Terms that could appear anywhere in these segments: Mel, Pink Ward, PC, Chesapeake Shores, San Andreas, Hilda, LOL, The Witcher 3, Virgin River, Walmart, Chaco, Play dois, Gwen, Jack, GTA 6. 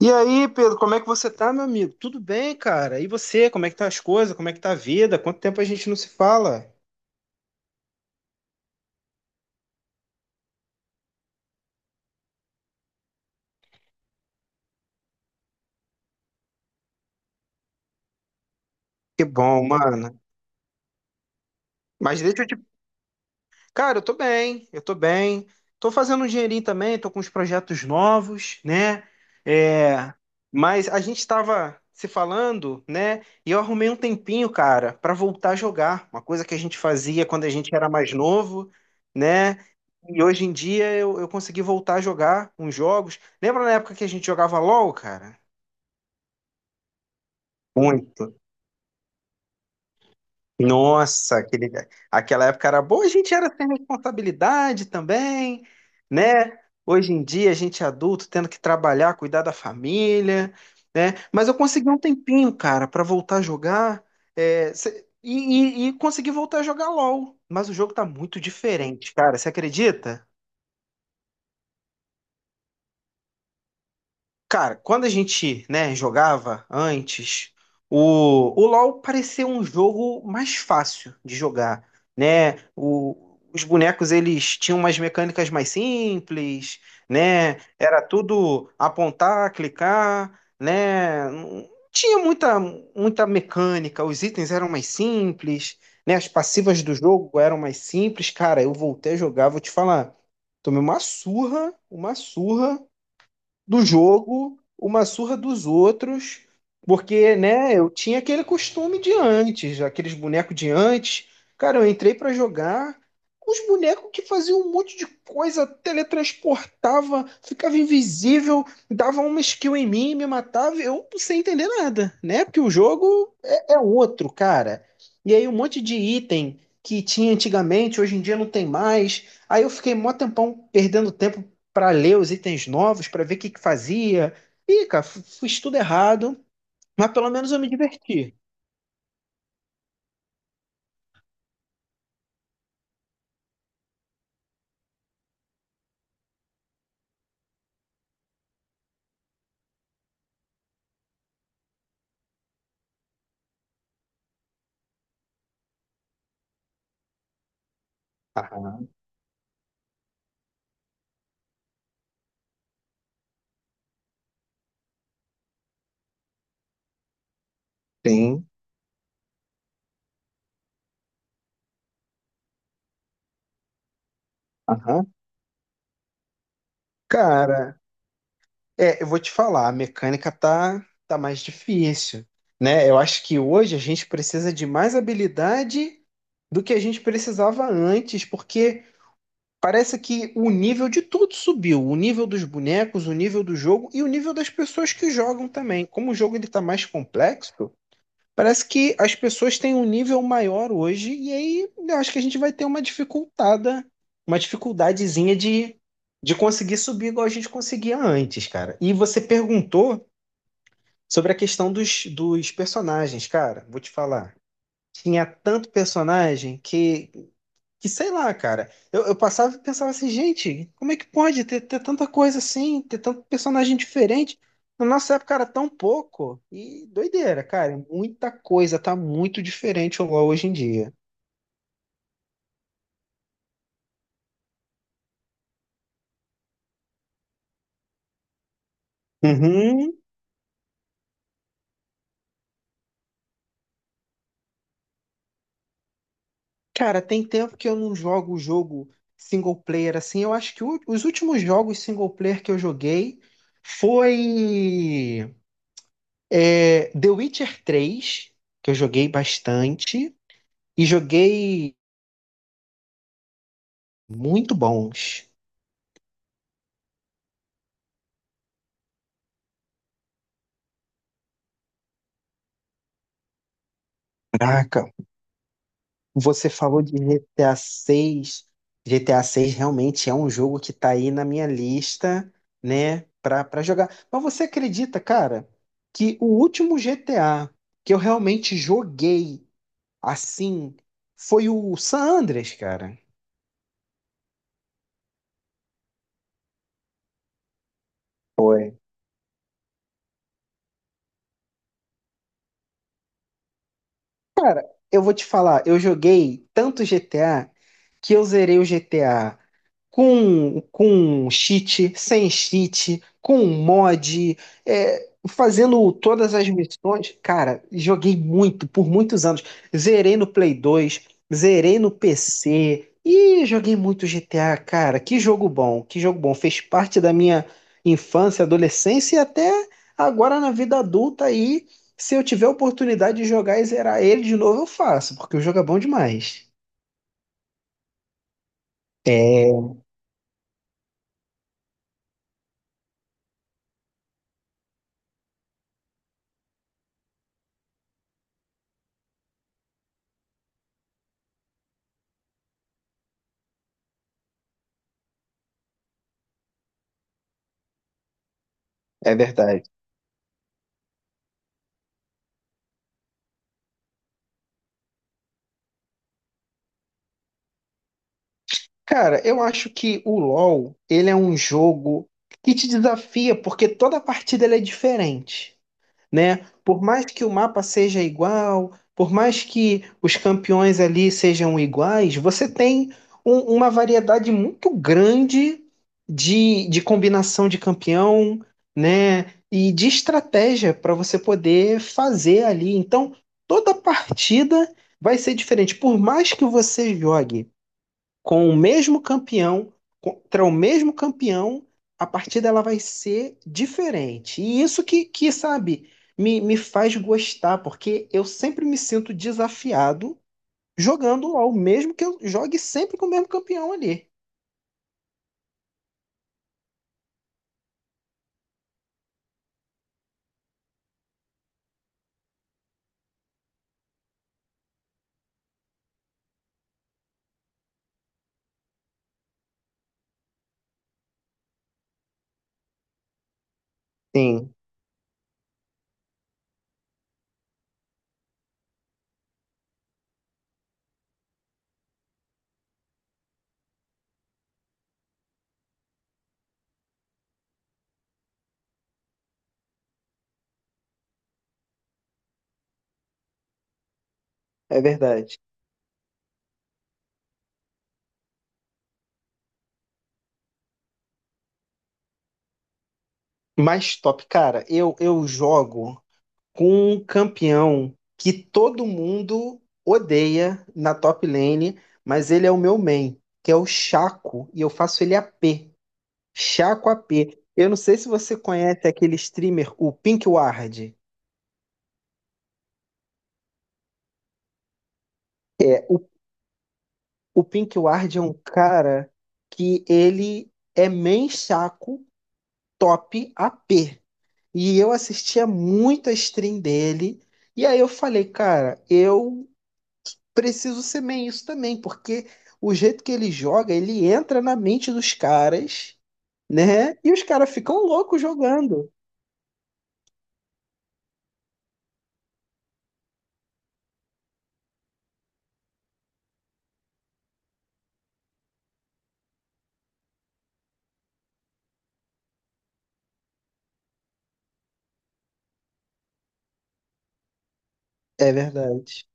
E aí, Pedro, como é que você tá, meu amigo? Tudo bem, cara? E você, como é que tá as coisas? Como é que tá a vida? Quanto tempo a gente não se fala? Que bom, mano. Mas deixa eu Cara, eu tô bem, eu tô bem. Tô fazendo um dinheirinho também, tô com uns projetos novos, né? É, mas a gente tava se falando, né? E eu arrumei um tempinho, cara, pra voltar a jogar, uma coisa que a gente fazia quando a gente era mais novo, né? E hoje em dia eu consegui voltar a jogar uns jogos. Lembra na época que a gente jogava LOL, cara? Muito. Nossa, aquela época era boa, a gente era sem responsabilidade também, né? Hoje em dia, a gente é adulto, tendo que trabalhar, cuidar da família, né? Mas eu consegui um tempinho, cara, pra voltar a jogar, e consegui voltar a jogar LOL. Mas o jogo tá muito diferente, cara, você acredita? Cara, quando a gente, né, jogava antes, o, o LoL parecia um jogo mais fácil de jogar, né? Os bonecos, eles tinham umas mecânicas mais simples, né? Era tudo apontar, clicar, né? Não tinha muita mecânica, os itens eram mais simples, né? As passivas do jogo eram mais simples. Cara, eu voltei a jogar, vou te falar, tomei uma surra do jogo, uma surra dos outros, porque, né, eu tinha aquele costume de antes, aqueles bonecos de antes. Cara, eu entrei pra jogar com os bonecos que faziam um monte de coisa, teletransportava, ficava invisível, dava uma skill em mim, me matava, eu sem entender nada, né? Porque o jogo é outro, cara. E aí um monte de item que tinha antigamente, hoje em dia não tem mais. Aí eu fiquei mó tempão perdendo tempo para ler os itens novos, para ver o que que fazia. Ih, cara, fiz tudo errado, mas pelo menos eu me diverti. Aham, sim. Aham. Cara, é, eu vou te falar, a mecânica tá mais difícil, né? Eu acho que hoje a gente precisa de mais habilidade do que a gente precisava antes, porque parece que o nível de tudo subiu, o nível dos bonecos, o nível do jogo e o nível das pessoas que jogam também. Como o jogo ele tá mais complexo, parece que as pessoas têm um nível maior hoje, e aí eu acho que a gente vai ter uma dificultada, uma dificuldadezinha de conseguir subir igual a gente conseguia antes, cara. E você perguntou sobre a questão dos personagens, cara. Vou te falar. Tinha tanto personagem que sei lá, cara. Eu passava e pensava assim, gente, como é que pode ter tanta coisa assim, ter tanto personagem diferente? Na nossa época era tão pouco. E doideira, cara. Muita coisa, tá muito diferente o LoL hoje em dia. Uhum. Cara, tem tempo que eu não jogo jogo single player assim. Eu acho que os últimos jogos single player que eu joguei foi é, The Witcher 3, que eu joguei bastante, e joguei muito bons. Caraca, você falou de GTA 6. GTA 6 realmente é um jogo que tá aí na minha lista, né, pra jogar. Mas você acredita, cara, que o último GTA que eu realmente joguei assim foi o San Andreas, cara? Foi. Cara, eu vou te falar, eu joguei tanto GTA que eu zerei o GTA com cheat, sem cheat, com mod, é, fazendo todas as missões. Cara, joguei muito, por muitos anos. Zerei no Play dois, zerei no PC e joguei muito GTA, cara. Que jogo bom, que jogo bom. Fez parte da minha infância, adolescência e até agora na vida adulta aí se eu tiver a oportunidade de jogar e zerar ele de novo, eu faço, porque o jogo é bom demais. É, é verdade. Cara, eu acho que o LoL, ele é um jogo que te desafia, porque toda partida ele é diferente. Né? Por mais que o mapa seja igual, por mais que os campeões ali sejam iguais, você tem uma variedade muito grande de combinação de campeão, né? E de estratégia para você poder fazer ali. Então, toda partida vai ser diferente. Por mais que você jogue com o mesmo campeão, contra o mesmo campeão, a partida ela vai ser diferente. E isso que sabe, me faz gostar, porque eu sempre me sinto desafiado jogando LOL, mesmo que eu jogue sempre com o mesmo campeão ali. Sim, é verdade. Mas top, cara, eu jogo com um campeão que todo mundo odeia na top lane, mas ele é o meu main, que é o Chaco, e eu faço ele a p Chacoapé. Eu não sei se você conhece aquele streamer, o Pink Ward. É, o, o Pink Ward é um cara que ele é main chaco top AP. E eu assistia muito a stream dele. E aí eu falei, cara, eu preciso ser main isso também, porque o jeito que ele joga, ele entra na mente dos caras, né? E os caras ficam loucos jogando. É verdade.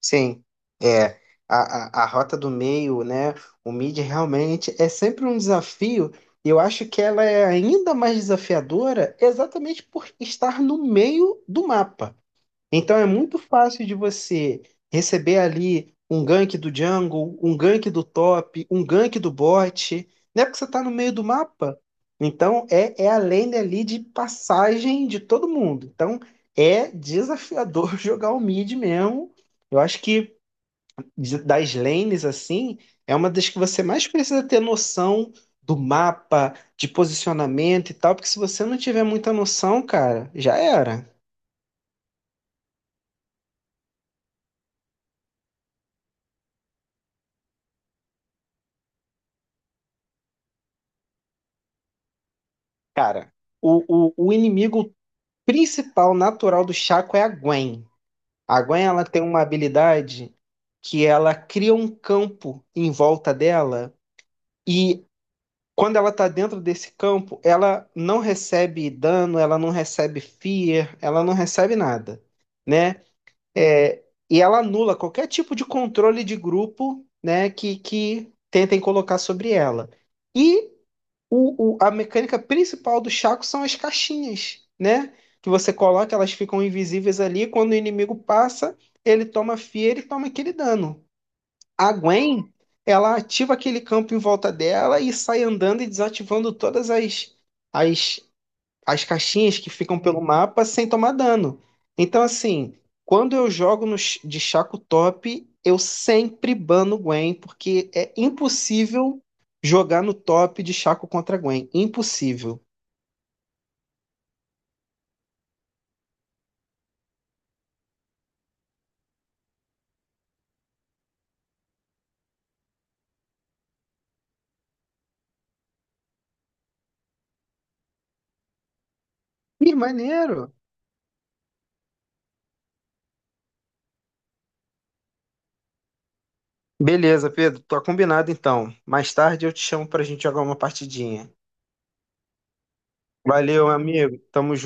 Sim, é. A rota do meio, né? O mid realmente é sempre um desafio. E eu acho que ela é ainda mais desafiadora exatamente por estar no meio do mapa. Então é muito fácil de você receber ali um gank do jungle, um gank do top, um gank do bot, né? Porque você está no meio do mapa. Então é a lane ali de passagem de todo mundo. Então é desafiador jogar o mid mesmo. Eu acho que das lanes assim, é uma das que você mais precisa ter noção do mapa, de posicionamento e tal, porque se você não tiver muita noção, cara, já era. Cara, o inimigo principal natural do Chaco é a Gwen. A Gwen ela tem uma habilidade que ela cria um campo em volta dela e quando ela tá dentro desse campo, ela não recebe dano, ela não recebe fear, ela não recebe nada, né? É, e ela anula qualquer tipo de controle de grupo, né, que tentem colocar sobre ela. E a mecânica principal do Chaco são as caixinhas, né? Que você coloca, elas ficam invisíveis ali. Quando o inimigo passa, ele toma fia, e toma aquele dano. A Gwen, ela ativa aquele campo em volta dela e sai andando e desativando todas as as caixinhas que ficam pelo mapa sem tomar dano. Então, assim, quando eu jogo no, de Chaco top, eu sempre bano Gwen, porque é impossível jogar no top de Chaco contra Gwen. Impossível. Ih, maneiro. Beleza, Pedro, tá combinado então. Mais tarde eu te chamo pra gente jogar uma partidinha. Valeu, amigo. Tamo